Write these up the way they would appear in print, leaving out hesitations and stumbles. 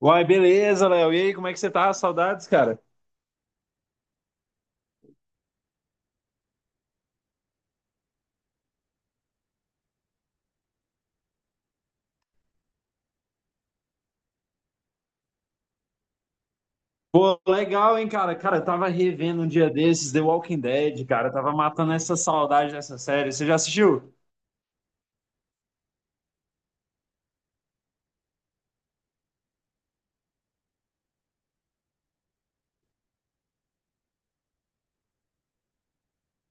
Uai, beleza, Léo. E aí, como é que você tá? Saudades, cara? Pô, legal, hein, cara? Cara, eu tava revendo um dia desses The Walking Dead, cara. Eu tava matando essa saudade dessa série. Você já assistiu?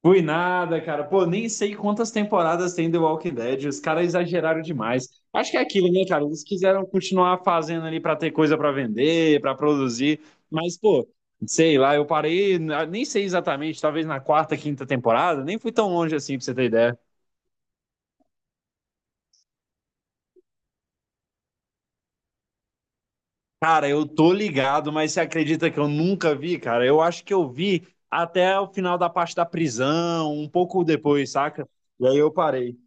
Fui nada, cara. Pô, nem sei quantas temporadas tem The Walking Dead. Os caras exageraram demais. Acho que é aquilo, né, cara? Eles quiseram continuar fazendo ali pra ter coisa pra vender, pra produzir. Mas, pô, sei lá, eu parei, nem sei exatamente, talvez na quarta, quinta temporada. Nem fui tão longe assim, pra você ter ideia. Cara, eu tô ligado, mas você acredita que eu nunca vi, cara? Eu acho que eu vi até o final da parte da prisão, um pouco depois, saca? E aí eu parei.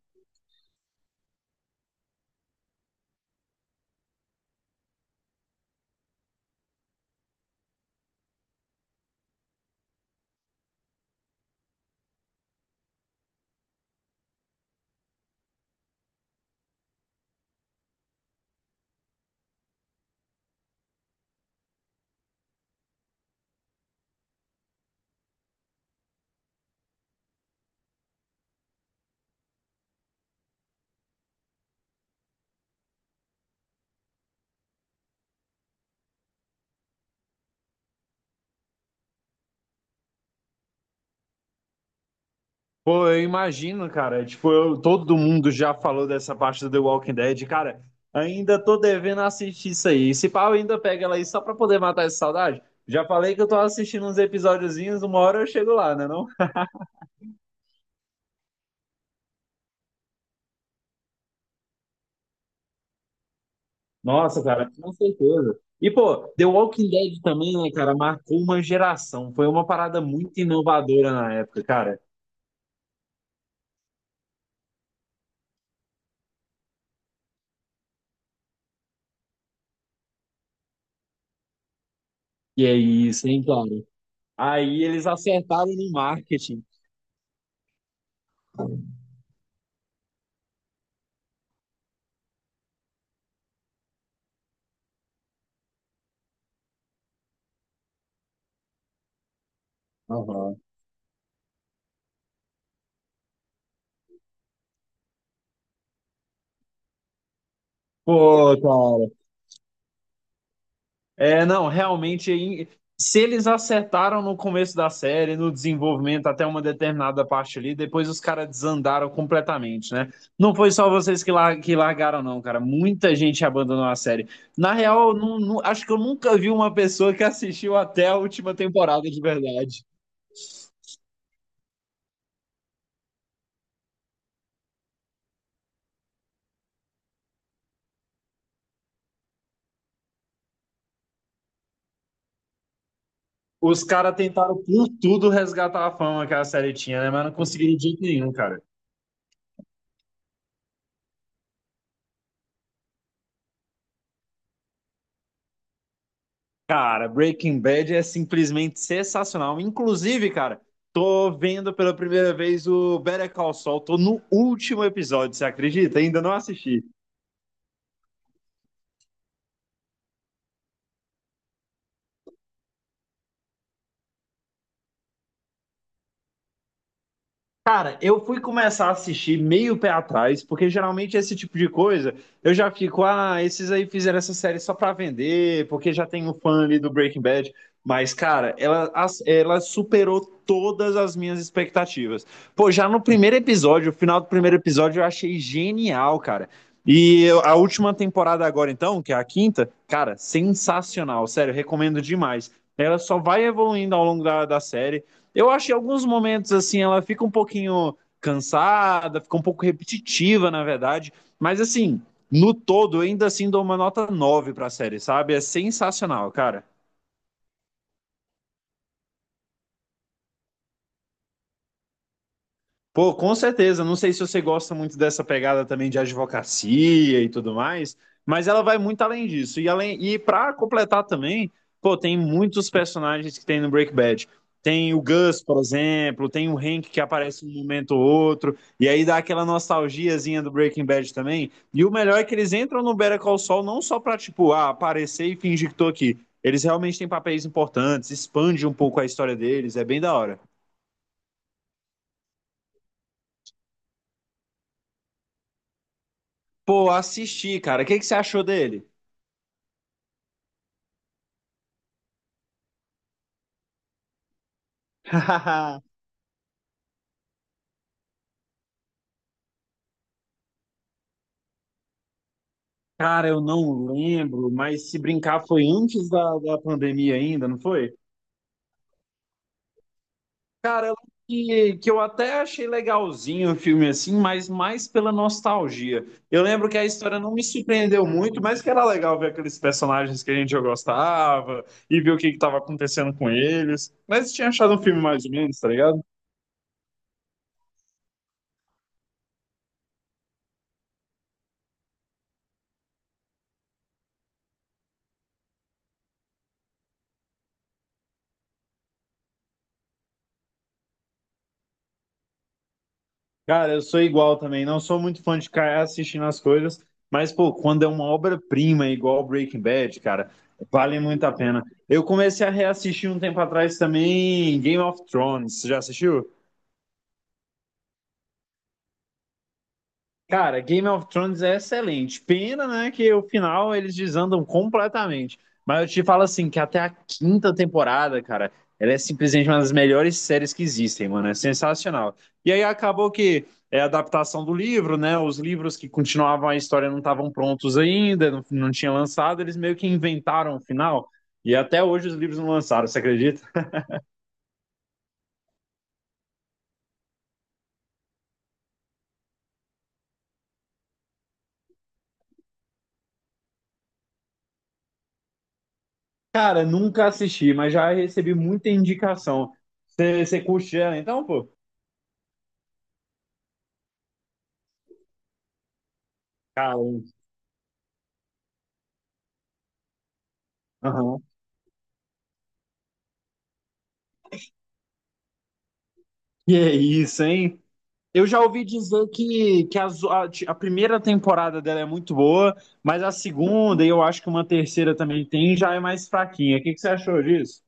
Pô, eu imagino, cara. Tipo, todo mundo já falou dessa parte do The Walking Dead. Cara, ainda tô devendo assistir isso aí. Se pau ainda pega ela aí só pra poder matar essa saudade. Já falei que eu tô assistindo uns episódiozinhos, uma hora eu chego lá, né? Não? Nossa, cara, com certeza. E, pô, The Walking Dead também, né, cara, marcou uma geração. Foi uma parada muito inovadora na época, cara. E é isso, hein, cara? Aí eles acertaram no marketing. Aham. Pô, cara. É, não, realmente, se eles acertaram no começo da série, no desenvolvimento até uma determinada parte ali, depois os caras desandaram completamente, né? Não foi só vocês que, que largaram, não, cara. Muita gente abandonou a série. Na real, eu não- não- acho que eu nunca vi uma pessoa que assistiu até a última temporada de verdade. Os caras tentaram por tudo resgatar a fama que a série tinha, né? Mas não conseguiram de jeito nenhum, cara. Cara, Breaking Bad é simplesmente sensacional. Inclusive, cara, tô vendo pela primeira vez o Better Call Saul. Tô no último episódio, você acredita? Ainda não assisti. Cara, eu fui começar a assistir meio pé atrás, porque geralmente esse tipo de coisa eu já fico, ah, esses aí fizeram essa série só pra vender, porque já tem um fã ali do Breaking Bad. Mas, cara, ela, ela superou todas as minhas expectativas. Pô, já no primeiro episódio, o final do primeiro episódio, eu achei genial, cara. E a última temporada agora, então, que é a quinta, cara, sensacional, sério, recomendo demais. Ela só vai evoluindo ao longo da série. Eu acho que em alguns momentos, assim, ela fica um pouquinho cansada, fica um pouco repetitiva, na verdade. Mas, assim, no todo, eu ainda assim dou uma nota 9 pra série, sabe? É sensacional, cara. Pô, com certeza. Não sei se você gosta muito dessa pegada também de advocacia e tudo mais, mas ela vai muito além disso. E além e para completar também, pô, tem muitos personagens que tem no Breaking Bad. Tem o Gus, por exemplo, tem o Hank que aparece um momento ou outro, e aí dá aquela nostalgiazinha do Breaking Bad também. E o melhor é que eles entram no Better Call Saul não só pra, tipo, ah, aparecer e fingir que tô aqui. Eles realmente têm papéis importantes, expande um pouco a história deles, é bem da hora. Pô, assisti, cara. O que que você achou dele? Cara, eu não lembro, mas se brincar foi antes da pandemia ainda, não foi? Cara, eu lembro que eu até achei legalzinho o filme assim, mas mais pela nostalgia. Eu lembro que a história não me surpreendeu muito, mas que era legal ver aqueles personagens que a gente já gostava e ver o que estava acontecendo com eles. Mas eu tinha achado um filme mais ou menos, tá ligado? Cara, eu sou igual também. Não sou muito fã de ficar assistindo as coisas, mas, pô, quando é uma obra-prima igual Breaking Bad, cara, vale muito a pena. Eu comecei a reassistir um tempo atrás também Game of Thrones. Você já assistiu? Cara, Game of Thrones é excelente. Pena, né, que o final eles desandam completamente. Mas eu te falo assim, que até a quinta temporada, cara, ela é simplesmente uma das melhores séries que existem, mano. É sensacional. E aí acabou que é a adaptação do livro, né? Os livros que continuavam a história não estavam prontos ainda, não, não tinha lançado, eles meio que inventaram o final. E até hoje os livros não lançaram, você acredita? Cara, nunca assisti, mas já recebi muita indicação. Você curte ela então, pô? Cara, aham. E é isso, hein? Eu já ouvi dizer que a primeira temporada dela é muito boa, mas a segunda, e eu acho que uma terceira também tem, já é mais fraquinha. O que, que você achou disso?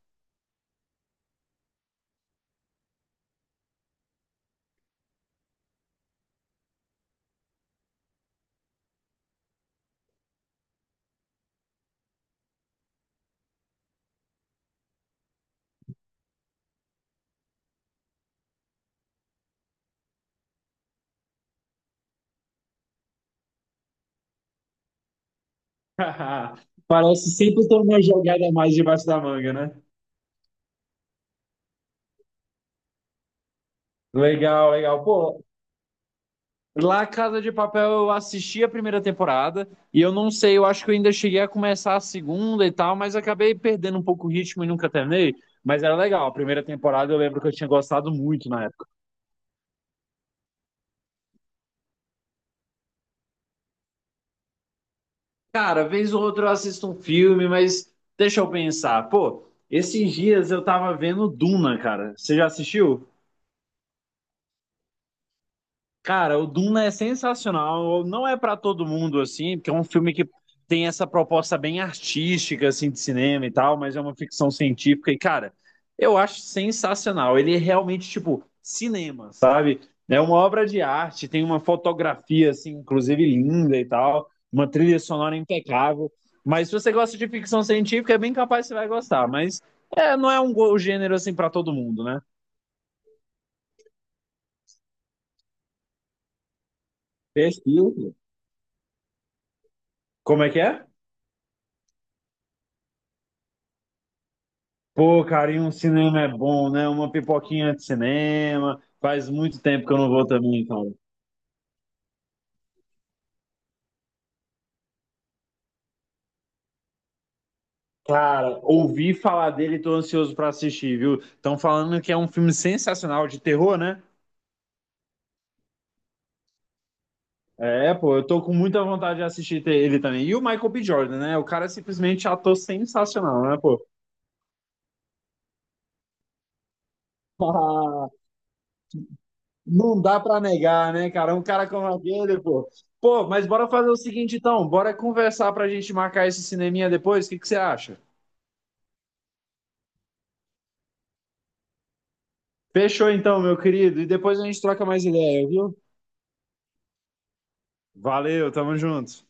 Parece sempre ter uma jogada a mais debaixo da manga, né? Legal, legal. Pô, lá Casa de Papel eu assisti a primeira temporada e eu não sei, eu acho que eu ainda cheguei a começar a segunda e tal, mas acabei perdendo um pouco o ritmo e nunca terminei. Mas era legal, a primeira temporada eu lembro que eu tinha gostado muito na. Cara, vez ou outra eu assisto um filme, mas deixa eu pensar. Pô, esses dias eu tava vendo Duna, cara. Você já assistiu? Cara, o Duna é sensacional. Não é pra todo mundo assim, porque é um filme que tem essa proposta bem artística assim de cinema e tal, mas é uma ficção científica e cara, eu acho sensacional. Ele é realmente tipo cinema, sabe? É uma obra de arte, tem uma fotografia assim, inclusive linda e tal, uma trilha sonora impecável. Mas se você gosta de ficção científica, é bem capaz que você vai gostar, mas é, não é um gênero assim pra todo mundo, né? Perfeito. Como é que é? Pô, carinho, um cinema é bom, né? Uma pipoquinha de cinema. Faz muito tempo que eu não vou também, cara. Cara, ouvi falar dele e tô ansioso pra assistir, viu? Estão falando que é um filme sensacional de terror, né? É, pô, eu tô com muita vontade de assistir ele também. E o Michael B. Jordan, né? O cara é simplesmente ator sensacional, né, pô? Ah, não dá pra negar, né, cara? Um cara como aquele, pô. Pô, mas bora fazer o seguinte então, bora conversar pra gente marcar esse cineminha depois, o que que você acha? Fechou então, meu querido. E depois a gente troca mais ideia, viu? Valeu, tamo junto.